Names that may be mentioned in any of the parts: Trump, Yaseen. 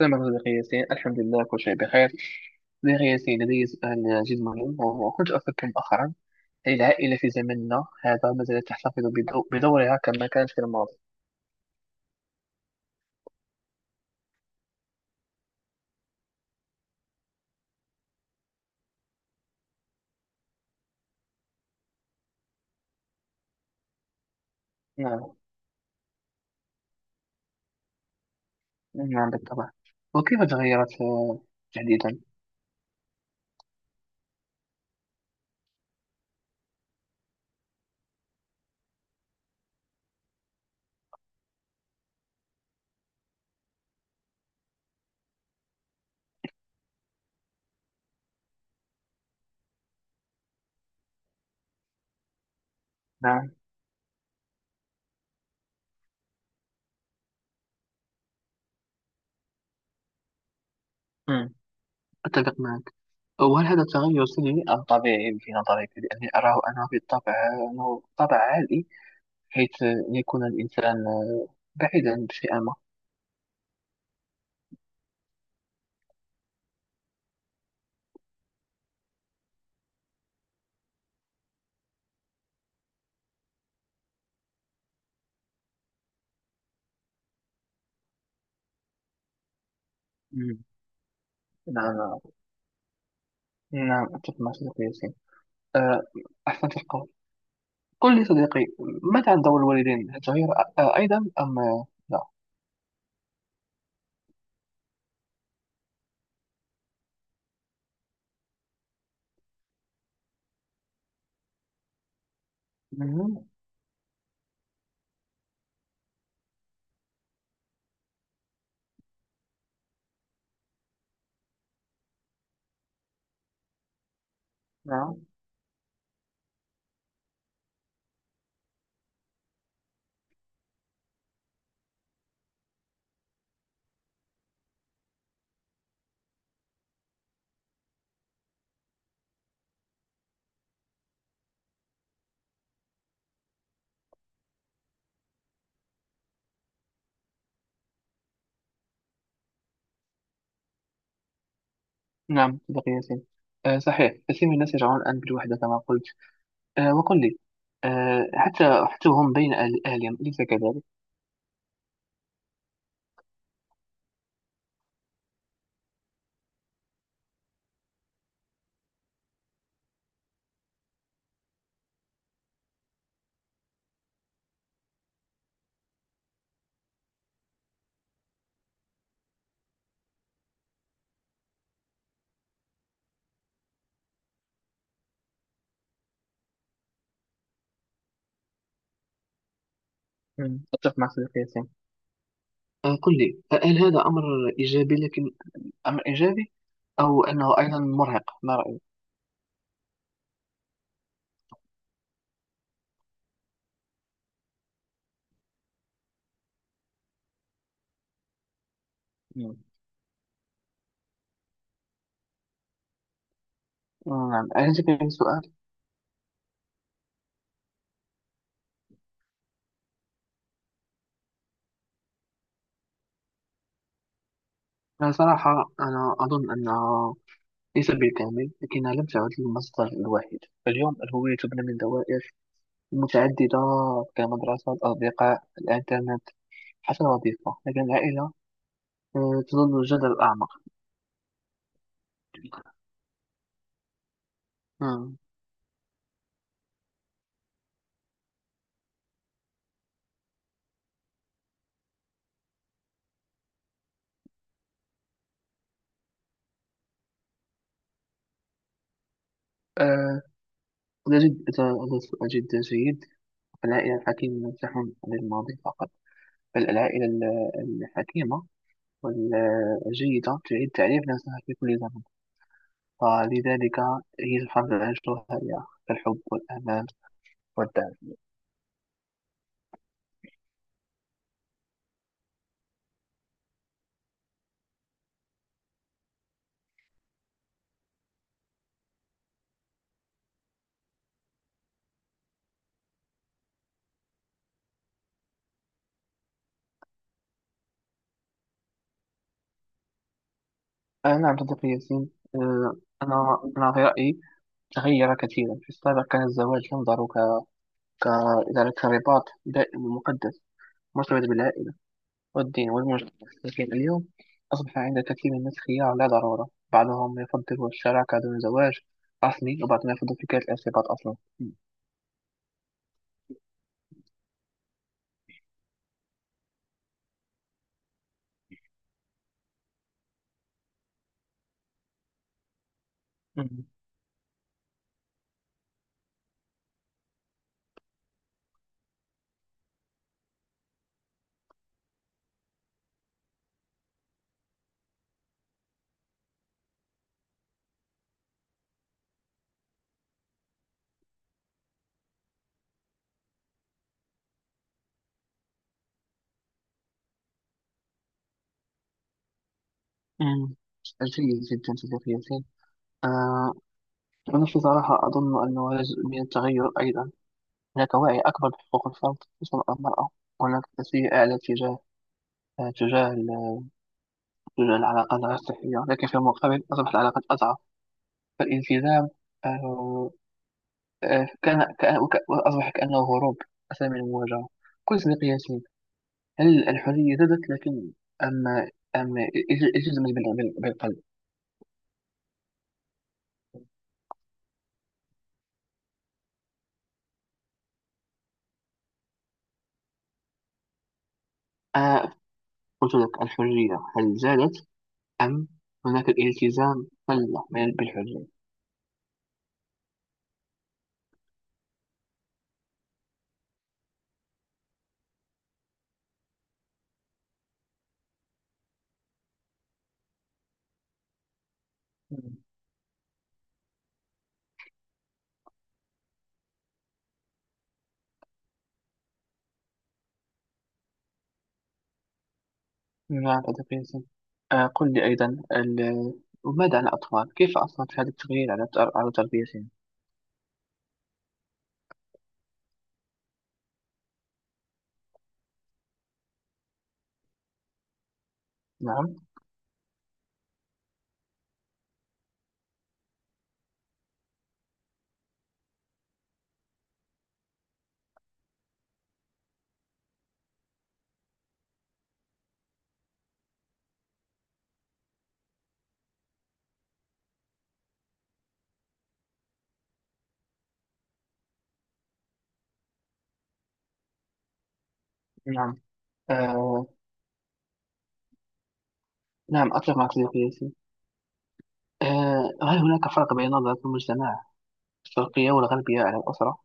السلام عليكم أخي ياسين، الحمد لله كل شيء بخير. أخي ياسين، لدي سؤال جد مهم وكنت أفكر مؤخرا. هل العائلة في زمننا هذا ما زالت تحتفظ بدورها كما كانت في الماضي؟ نعم. نعم بالطبع. وكيف تغيرت تحديدا؟ نعم. مم. أتفق معك. وهل هذا التغير سلبي أم طبيعي في نظرك؟ لأني أراه أنا بالطبع أنه طبع عالي، حيث يكون الإنسان بعيدا بشيء ما. مم. نعم. نعم، أتفق معك أخي ياسين. آه، أحسنت القول. قل لي صديقي، ماذا عن دور الوالدين؟ هل تغير أيضا أم لا؟ مهم. نعم. نعم صديقي ياسين، صحيح كثير من الناس يشعرون الآن بالوحدة كما قلت. وقل لي، حتى هم بين أهلهم أليس كذلك؟ مم. أتفق معك صديقي ياسين. قل لي، هل هذا أمر إيجابي؟ لكن أمر إيجابي أو أنه أيضا مرهق، ما رأيك؟ مم. نعم أعجبني السؤال. أنا صراحة أظن أنه ليس بالكامل، لكنها لم تعد المصدر الوحيد. اليوم الهوية تبنى من دوائر متعددة، كمدرسة الأصدقاء الإنترنت حتى الوظيفة، لكن العائلة تظل الجذر الأعمق. مم. آه، لا جد لا سؤال جدا جيد. العائلة الحكيمة لم تحن عن الماضي فقط، بل العائلة الحكيمة والجيدة تعيد تعريف نفسها في كل زمن. فلذلك هي الحمد لله الشهية كالحب والأمان والدعم. أنا عبد الغفور ياسين. آه، أنا في رأيي تغير كثيرا. في السابق كان الزواج ينظر ك ك إلى كرباط دائم ومقدس مرتبط بالعائلة والدين والمجتمع، لكن اليوم أصبح عند كثير من الناس خيار لا ضرورة. بعضهم يفضل الشراكة دون زواج رسمي، وبعضهم يفضل فكرة الارتباط أصلا. مم. مم. جيد جدا صديقي ياسين. آه، أنا في صراحة أظن أنه جزء من التغير أيضا. هناك وعي أكبر بحقوق الفرد، خصوصا المرأة، وهناك تسوية أعلى تجاه تجاه تجاه العلاقات غير صحية، لكن في المقابل أصبحت العلاقات أضعف. فالالتزام آه، وأصبح كأنه هروب أسهل من المواجهة. كل مقياسين، هل الحرية زادت؟ لكن أم أم التزمت بالقلب؟ آه، قلت لك الحرية هل زادت أم هناك الالتزام بالحرية؟ بما عن الأدب؟ آه، قل لي أيضا، وماذا عن الأطفال؟ كيف أثرت هذا التغيير على على تربيتهم؟ نعم. نعم. آه. نعم أتفق مع صديقي. آه، هل هناك فرق بين نظرة المجتمع الشرقية والغربية على الأسرة؟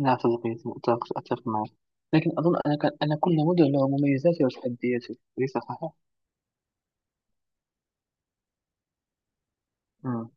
نعم صديقي، أتفق معك، لكن أظن أن كل نموذج له مميزاته وتحدياته، أليس صحيح؟ مم.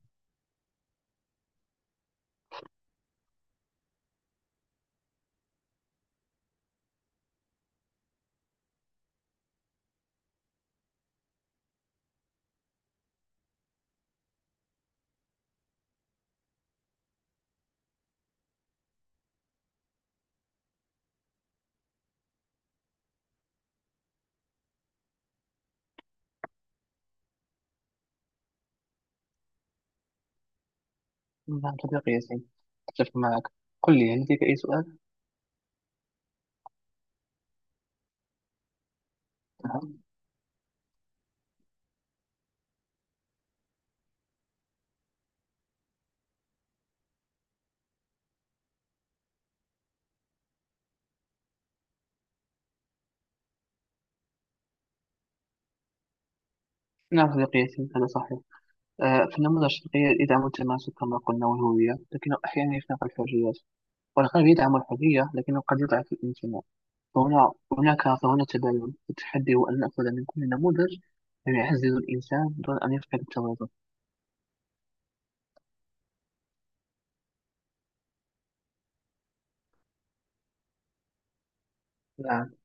نعم صديقي ياسين، أتفق معك. قل لي، هل لديك أي سؤال؟ نعم. نعم صديقي ياسين، هذا صحيح. آه، في النموذج الشرقي يدعم التماسك كما قلنا والهوية، لكنه أحيانا يخنق الحريات. والغرب يدعم الحرية لكنه قد يضعف الانتماء. فهنا هناك فهنا تباين. التحدي هو أن نأخذ من كل نموذج ما يعزز الإنسان دون أن يفقد التوازن. نعم